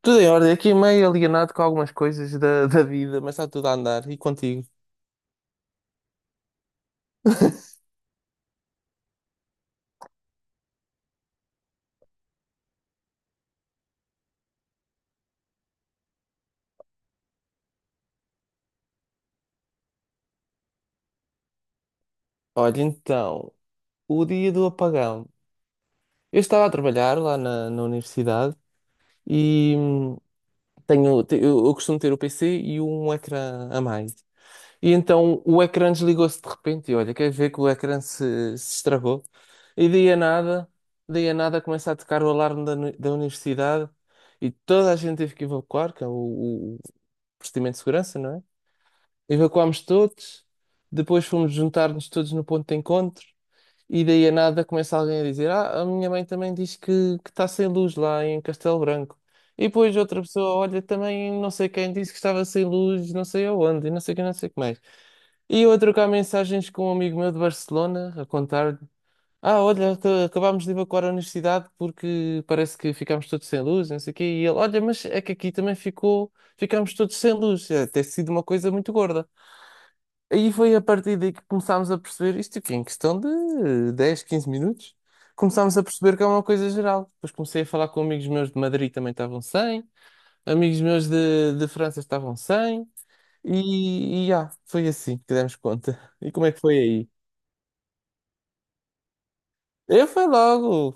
Tudo em ordem, aqui meio alienado com algumas coisas da vida, mas está tudo a andar. E contigo? Olha, então, o dia do apagão. Eu estava a trabalhar lá na universidade e eu costumo ter o PC e um ecrã a mais. E então o ecrã desligou-se de repente e olha, quer ver que o ecrã se estragou? E daí a nada começa a tocar o alarme da universidade e toda a gente teve que evacuar, que é o procedimento de segurança, não é? Evacuámos todos, depois fomos juntar-nos todos no ponto de encontro, e daí a nada começa alguém a dizer: Ah, a minha mãe também diz que está sem luz lá em Castelo Branco. E depois outra pessoa, olha, também não sei quem disse que estava sem luz, não sei aonde, e não sei o que, não sei o que mais. E eu a trocar mensagens com um amigo meu de Barcelona, a contar-lhe: Ah, olha, acabámos de evacuar a universidade porque parece que ficámos todos sem luz, não sei o quê. E ele: Olha, mas é que aqui também ficámos todos sem luz. É, ter sido uma coisa muito gorda. Aí foi a partir daí que começámos a perceber isto aqui, em questão de 10, 15 minutos, começámos a perceber que é uma coisa geral. Depois comecei a falar com amigos meus de Madrid também estavam sem, amigos meus de França estavam sem, foi assim que demos conta. E como é que foi aí? Eu fui logo.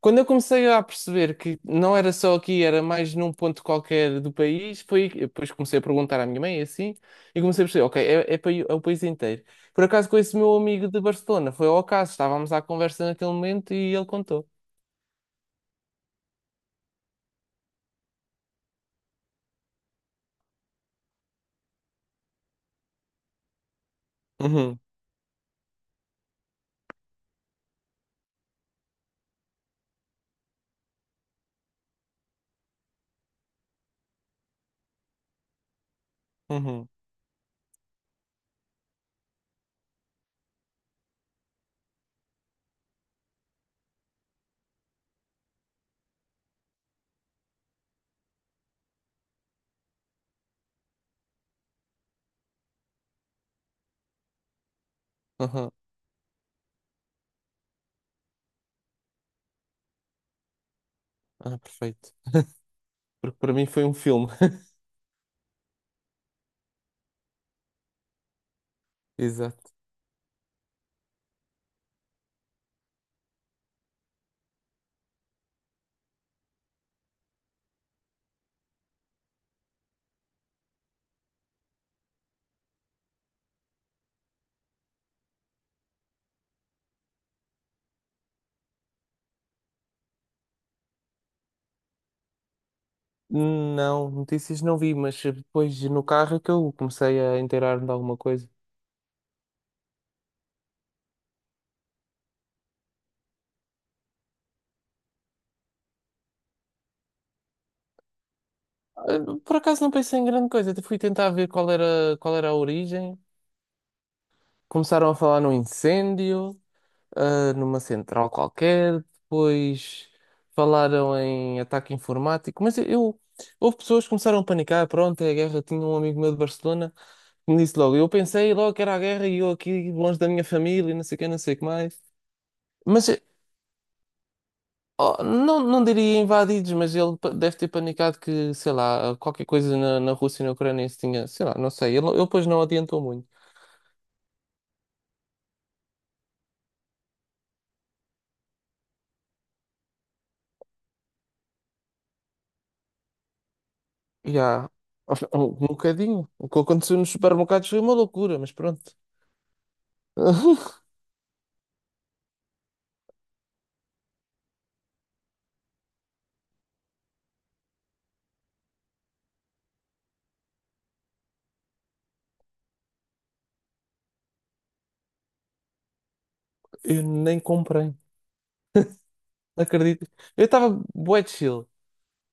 Quando eu comecei a perceber que não era só aqui, era mais num ponto qualquer do país, foi depois comecei a perguntar à minha mãe assim, e comecei a perceber, ok, é o país inteiro. Por acaso com esse meu amigo de Barcelona, foi ao acaso, estávamos à conversa naquele momento e ele contou. Uhum, uhum, uhum. Ah, perfeito. Porque para mim foi um filme. Exato. Não, notícias não vi, mas depois no carro é que eu comecei a inteirar-me de alguma coisa. Ah, por acaso não pensei em grande coisa, até fui tentar ver qual era a origem. Começaram a falar num incêndio, ah, numa central qualquer, depois falaram em ataque informático, mas eu, houve pessoas que começaram a panicar, pronto, é a guerra, tinha um amigo meu de Barcelona que me disse logo, eu pensei logo que era a guerra e eu aqui longe da minha família, e não sei o que, não sei o que mais. Mas oh, não, não diria invadidos, mas ele deve ter panicado que, sei lá, qualquer coisa na Rússia e na Ucrânia se tinha, sei lá, não sei, ele depois não adiantou muito. Já, um bocadinho. O que aconteceu nos supermercados foi uma loucura, mas pronto. Eu nem comprei. Não acredito. Eu estava bué chill.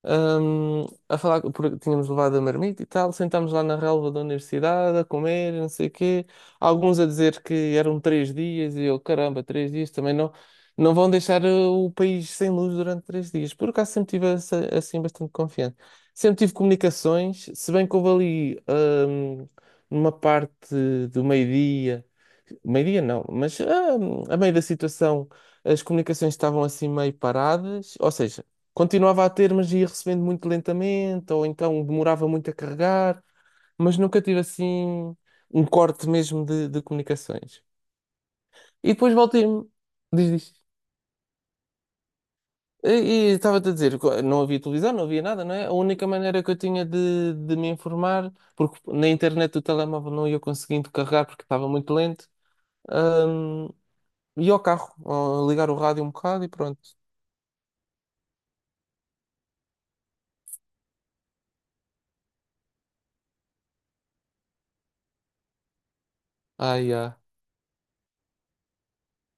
A falar, porque tínhamos levado a marmita e tal, sentámos lá na relva da universidade a comer, não sei o quê. Alguns a dizer que eram três dias e eu, caramba, três dias também não, não vão deixar o país sem luz durante três dias. Por acaso sempre tive assim bastante confiante. Sempre tive comunicações, se bem que houve ali, numa parte do meio-dia, meio-dia não, mas a meio da situação as comunicações estavam assim meio paradas, ou seja continuava a ter, mas ia recebendo muito lentamente, ou então demorava muito a carregar, mas nunca tive assim um corte mesmo de comunicações. E depois voltei-me, diz, diz. E, e estava-te a dizer, não havia televisão, não havia nada, não é? A única maneira que eu tinha de me informar, porque na internet do telemóvel não ia conseguindo carregar porque estava muito lento, hum, ia ao carro, ó, ligar o rádio um bocado e pronto. Ah, yeah.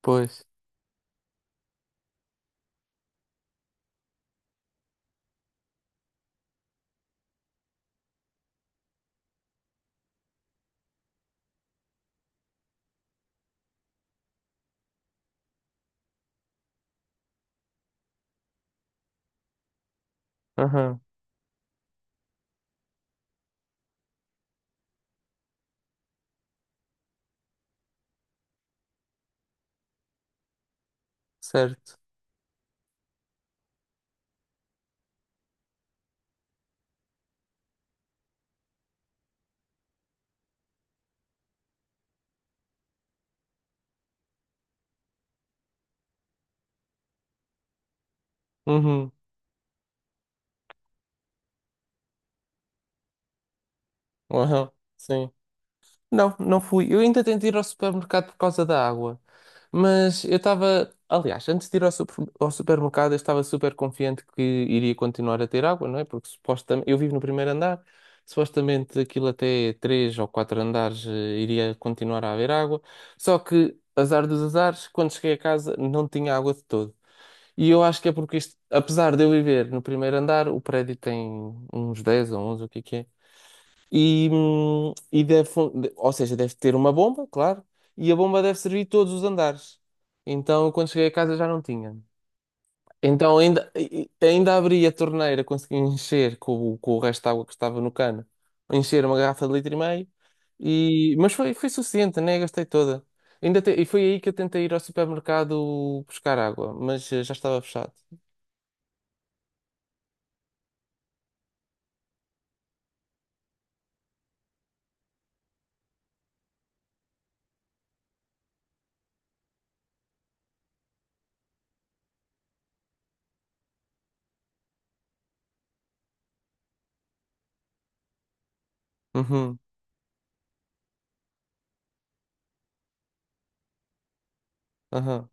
Pois. Aham, certo. Uhum, aham, sim. Não, não fui. Eu ainda tentei ir ao supermercado por causa da água. Mas eu estava. Aliás, antes de ir ao supermercado, eu estava super confiante que iria continuar a ter água, não é? Porque supostamente. Eu vivo no primeiro andar, supostamente aquilo até três ou quatro andares iria continuar a haver água. Só que, azar dos azares, quando cheguei a casa não tinha água de todo. E eu acho que é porque isto, apesar de eu viver no primeiro andar, o prédio tem uns 10 ou onze, o que é que é? Ou seja, deve ter uma bomba, claro, e a bomba deve servir todos os andares. Então, quando cheguei a casa já não tinha. Então, ainda abri a torneira, consegui encher com o resto de água que estava no cano, encher uma garrafa de litro e meio, e, mas foi, foi suficiente, né? Gastei toda. E foi aí que eu tentei ir ao supermercado buscar água, mas já estava fechado. Uhum, aham.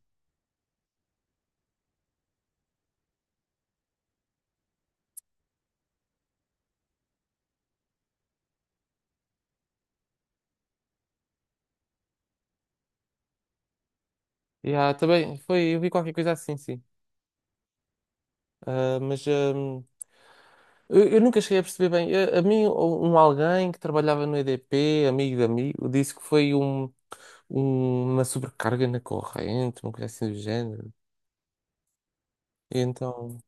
Yeah, também foi, eu vi qualquer coisa assim, sim. Ah, eu nunca cheguei a perceber bem. A mim, um alguém que trabalhava no EDP, amigo de amigo, disse que foi um, uma sobrecarga na corrente, uma coisa assim do género. E então.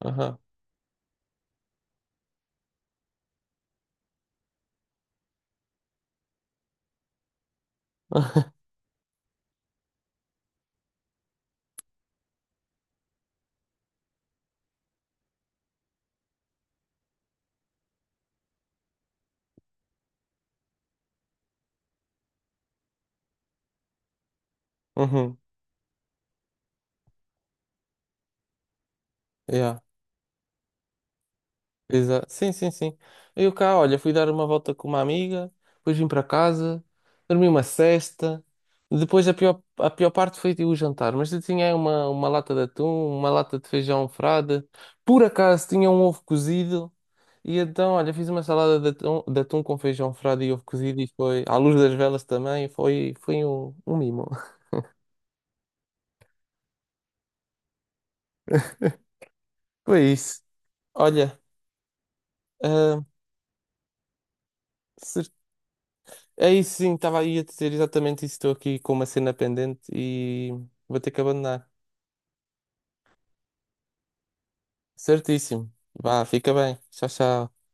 Aham. Uhum. Yeah. Exa sim, sim, sim. Eu cá, olha, fui dar uma volta com uma amiga, depois vim para casa, dormi uma sesta. Depois a pior parte foi tipo, o jantar, mas eu tinha uma lata de atum, uma lata de feijão frade, por acaso tinha um ovo cozido, e então, olha, fiz uma salada de atum com feijão frade e ovo cozido, e foi, à luz das velas também, foi, foi um mimo. Foi isso. Olha, ah, se é isso, sim, estava aí a dizer exatamente isso. Estou aqui com uma cena pendente e vou ter que abandonar. Certíssimo. Vá, fica bem. Tchau, tchau.